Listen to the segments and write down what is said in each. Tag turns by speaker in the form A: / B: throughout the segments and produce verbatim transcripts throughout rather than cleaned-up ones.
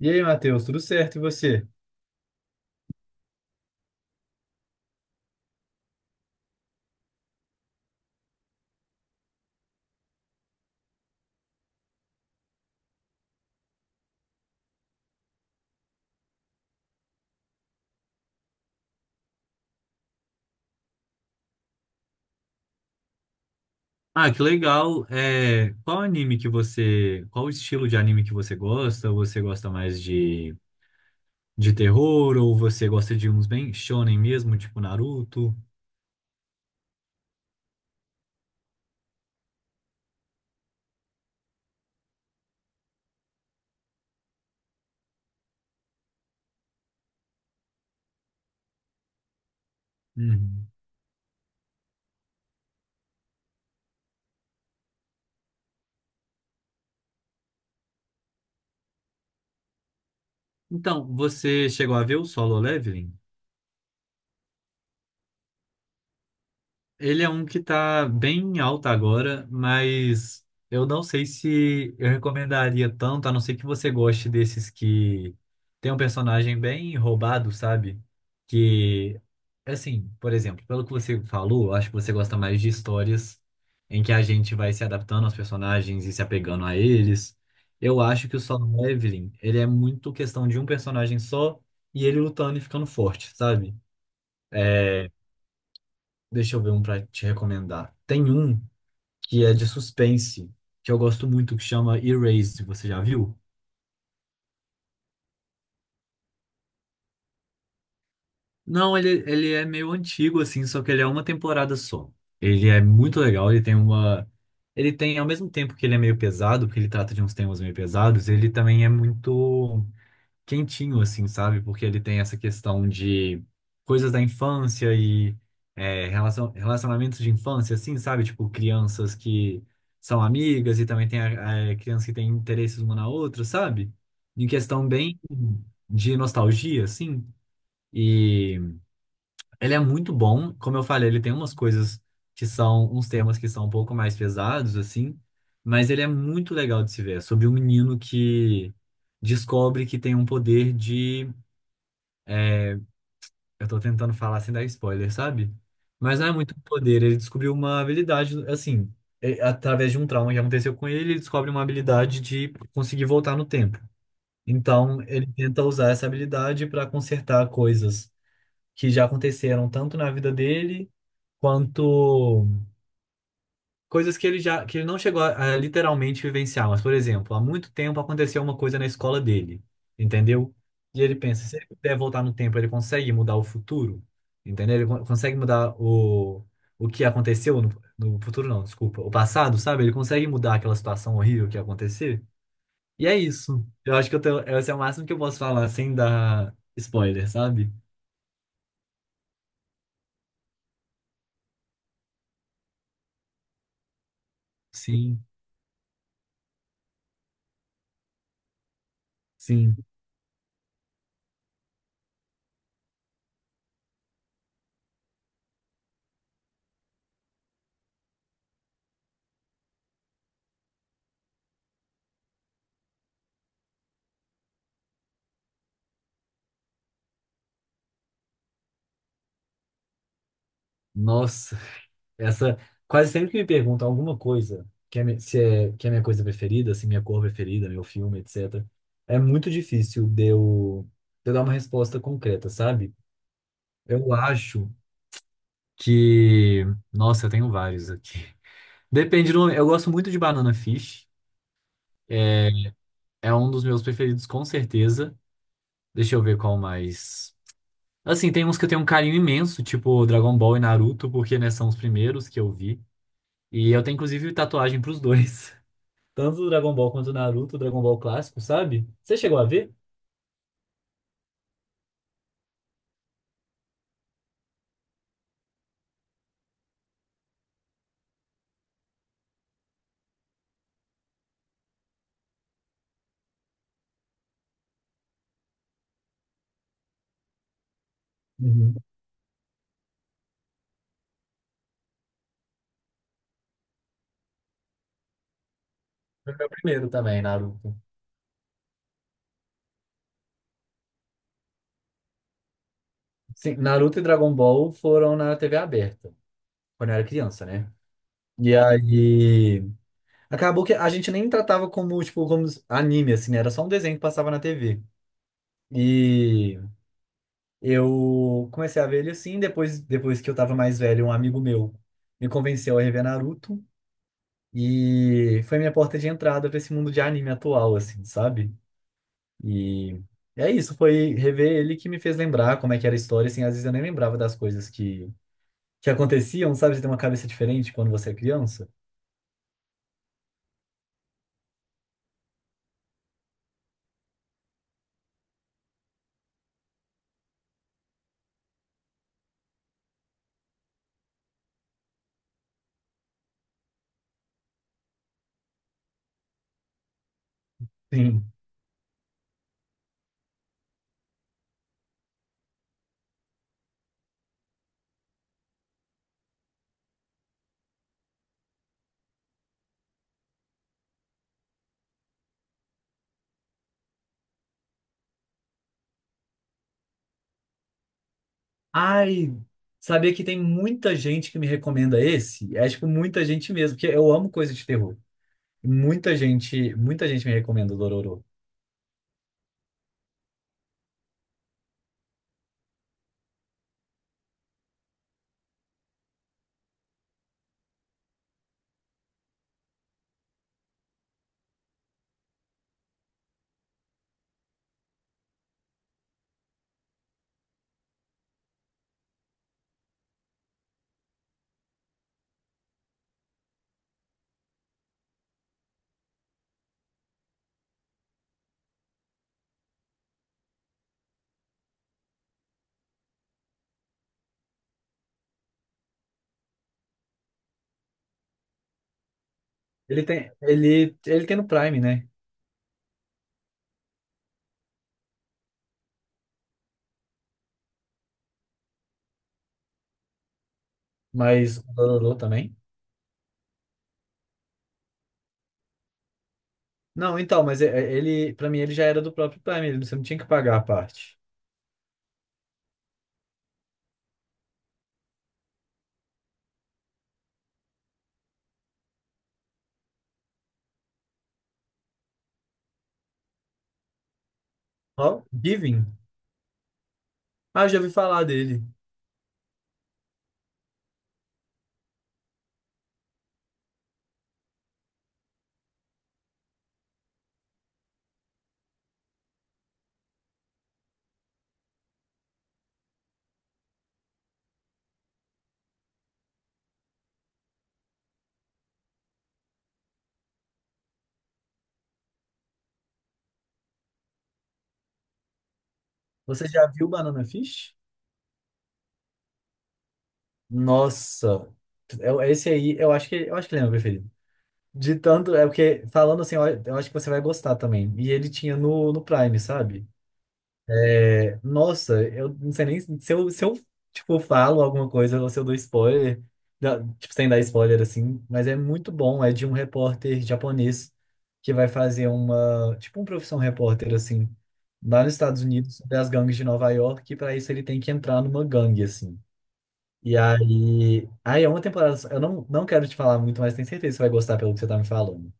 A: E aí, Matheus, tudo certo? E você? Ah, que legal. É, qual anime que você, qual estilo de anime que você gosta? Você gosta mais de, de terror ou você gosta de uns bem shonen mesmo, tipo Naruto? Uhum. Então, você chegou a ver o Solo Leveling? Ele é um que tá bem em alta agora, mas eu não sei se eu recomendaria tanto, a não ser que você goste desses que tem um personagem bem roubado, sabe? Que, assim, por exemplo, pelo que você falou, eu acho que você gosta mais de histórias em que a gente vai se adaptando aos personagens e se apegando a eles. Eu acho que o Solo Leveling, ele é muito questão de um personagem só e ele lutando e ficando forte, sabe? É, Deixa eu ver um pra te recomendar. Tem um que é de suspense, que eu gosto muito, que chama Erased. Você já viu? Não, ele, ele é meio antigo, assim, só que ele é uma temporada só. Ele é muito legal, ele tem uma. Ele tem, ao mesmo tempo que ele é meio pesado, porque ele trata de uns temas meio pesados, ele também é muito quentinho, assim, sabe? Porque ele tem essa questão de coisas da infância e é, relacion- relacionamentos de infância, assim, sabe? Tipo, crianças que são amigas e também tem a, a criança que tem interesses uma na outra, sabe? Em questão bem de nostalgia, assim. E ele é muito bom, como eu falei, ele tem umas coisas que são, uns temas que são um pouco mais pesados, assim, mas ele é muito legal de se ver. É sobre um menino que descobre que tem um poder de. Eu tô tentando falar sem dar spoiler, sabe? Mas não é muito poder. Ele descobriu uma habilidade, assim, é, através de um trauma que aconteceu com ele, ele descobre uma habilidade de conseguir voltar no tempo. Então, ele tenta usar essa habilidade para consertar coisas que já aconteceram tanto na vida dele quanto coisas que ele já que ele não chegou a, a literalmente vivenciar, mas por exemplo, há muito tempo aconteceu uma coisa na escola dele, entendeu? E ele pensa, se ele puder voltar no tempo, ele consegue mudar o futuro, entendeu? Ele con- consegue mudar o o que aconteceu no, no futuro não, desculpa, o passado, sabe? Ele consegue mudar aquela situação horrível que ia acontecer. E é isso. Eu acho que eu tenho, Esse é o máximo que eu posso falar sem dar spoiler, sabe? Sim, sim. Nossa. Essa, Quase sempre que me perguntam alguma coisa, que é, mi- se é, que é minha coisa preferida, se é minha cor preferida, meu filme, et cetera. É muito difícil de eu, de eu dar uma resposta concreta, sabe? Eu acho que. Nossa, eu tenho vários aqui. Depende do. Eu gosto muito de Banana Fish. É é um dos meus preferidos, com certeza. Deixa eu ver qual mais. Assim, tem uns que eu tenho um carinho imenso, tipo Dragon Ball e Naruto, porque, né, são os primeiros que eu vi. E eu tenho, inclusive, tatuagem pros dois. Tanto do Dragon Ball quanto do Naruto, Dragon Ball clássico, sabe? Você chegou a ver? Uhum. Foi meu primeiro também, Naruto. Sim, Naruto e Dragon Ball foram na T V aberta, quando eu era criança, né? E aí, acabou que a gente nem tratava como, tipo, como anime, assim, né? Era só um desenho que passava na T V. E eu comecei a ver ele assim, depois, depois que eu tava mais velho, um amigo meu me convenceu a rever Naruto. E foi minha porta de entrada pra esse mundo de anime atual, assim, sabe? E é isso, foi rever ele que me fez lembrar como é que era a história, assim, às vezes eu nem lembrava das coisas que, que aconteciam, sabe? Você tem uma cabeça diferente quando você é criança. Sim. Ai, sabia que tem muita gente que me recomenda esse? É, tipo, muita gente mesmo, porque eu amo coisa de terror. Muita gente, muita gente me recomenda o Dororo. Ele tem, ele, ele tem no Prime, né? Mas o Dororo também. Não, então, mas é- é- ele, pra mim, ele já era do próprio Prime, ele- você não tinha que pagar a parte. Ó, Giving. Ah, já ouvi falar dele. Você já viu Banana Fish? Nossa, eu- esse aí eu acho que eu acho que ele é meu preferido. De tanto, é porque falando assim, eu eu acho que você vai gostar também. E ele tinha no, no Prime, sabe? É, nossa, eu não sei nem se eu, se eu, tipo falo alguma coisa ou se eu dou spoiler, da- tipo sem dar spoiler assim, mas é muito bom, é de um repórter japonês que vai fazer uma, tipo um profissão repórter assim, lá nos Estados Unidos, sobre as gangues de Nova York, e para isso ele tem que entrar numa gangue assim. E aí. Aí é uma temporada só. Eu não, não quero te falar muito, mas tenho certeza que você vai gostar pelo que você tá me falando.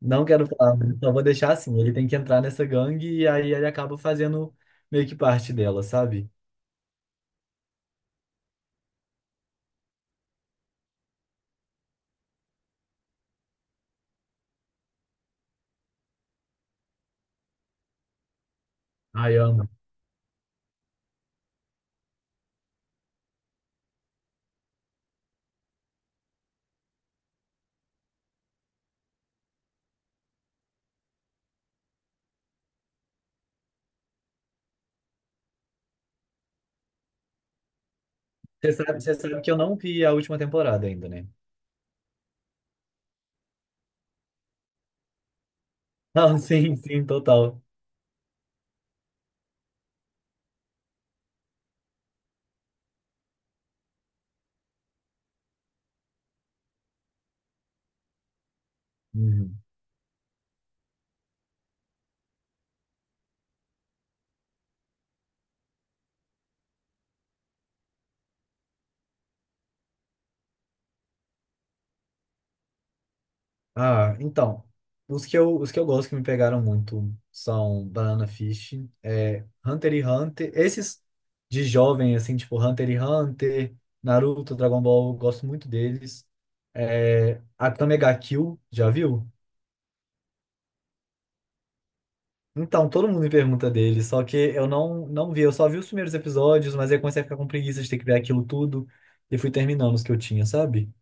A: Não quero falar muito, só vou deixar assim. Ele tem que entrar nessa gangue e aí ele acaba fazendo meio que parte dela, sabe? Ai, eu amo. Você sabe, você sabe que eu não vi a última temporada ainda, né? Não, sim, sim, total. Uhum. Ah, então, os que eu, os que eu gosto que me pegaram muito são Banana Fish, é, Hunter x Hunter, esses de jovem, assim, tipo Hunter x Hunter, Naruto, Dragon Ball, eu gosto muito deles. É, Akame ga Kill, já viu? Então, todo mundo me pergunta dele, só que eu não, não vi, eu só vi os primeiros episódios, mas aí eu comecei a ficar com preguiça de ter que ver aquilo tudo e fui terminando os que eu tinha, sabe?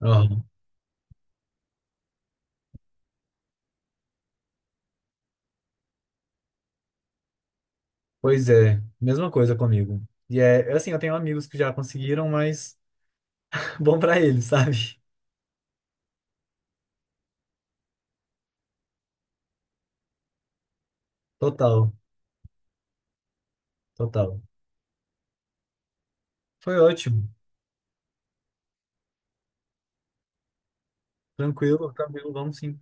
A: Aham. Pois é, mesma coisa comigo. E é, assim, eu tenho amigos que já conseguiram, mas. Bom pra ele, sabe? Total, total. Foi ótimo. Tranquilo, tranquilo, vamos sim.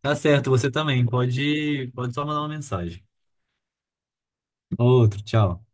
A: Tá certo, você também. Pode, pode só mandar uma mensagem. Outro, tchau.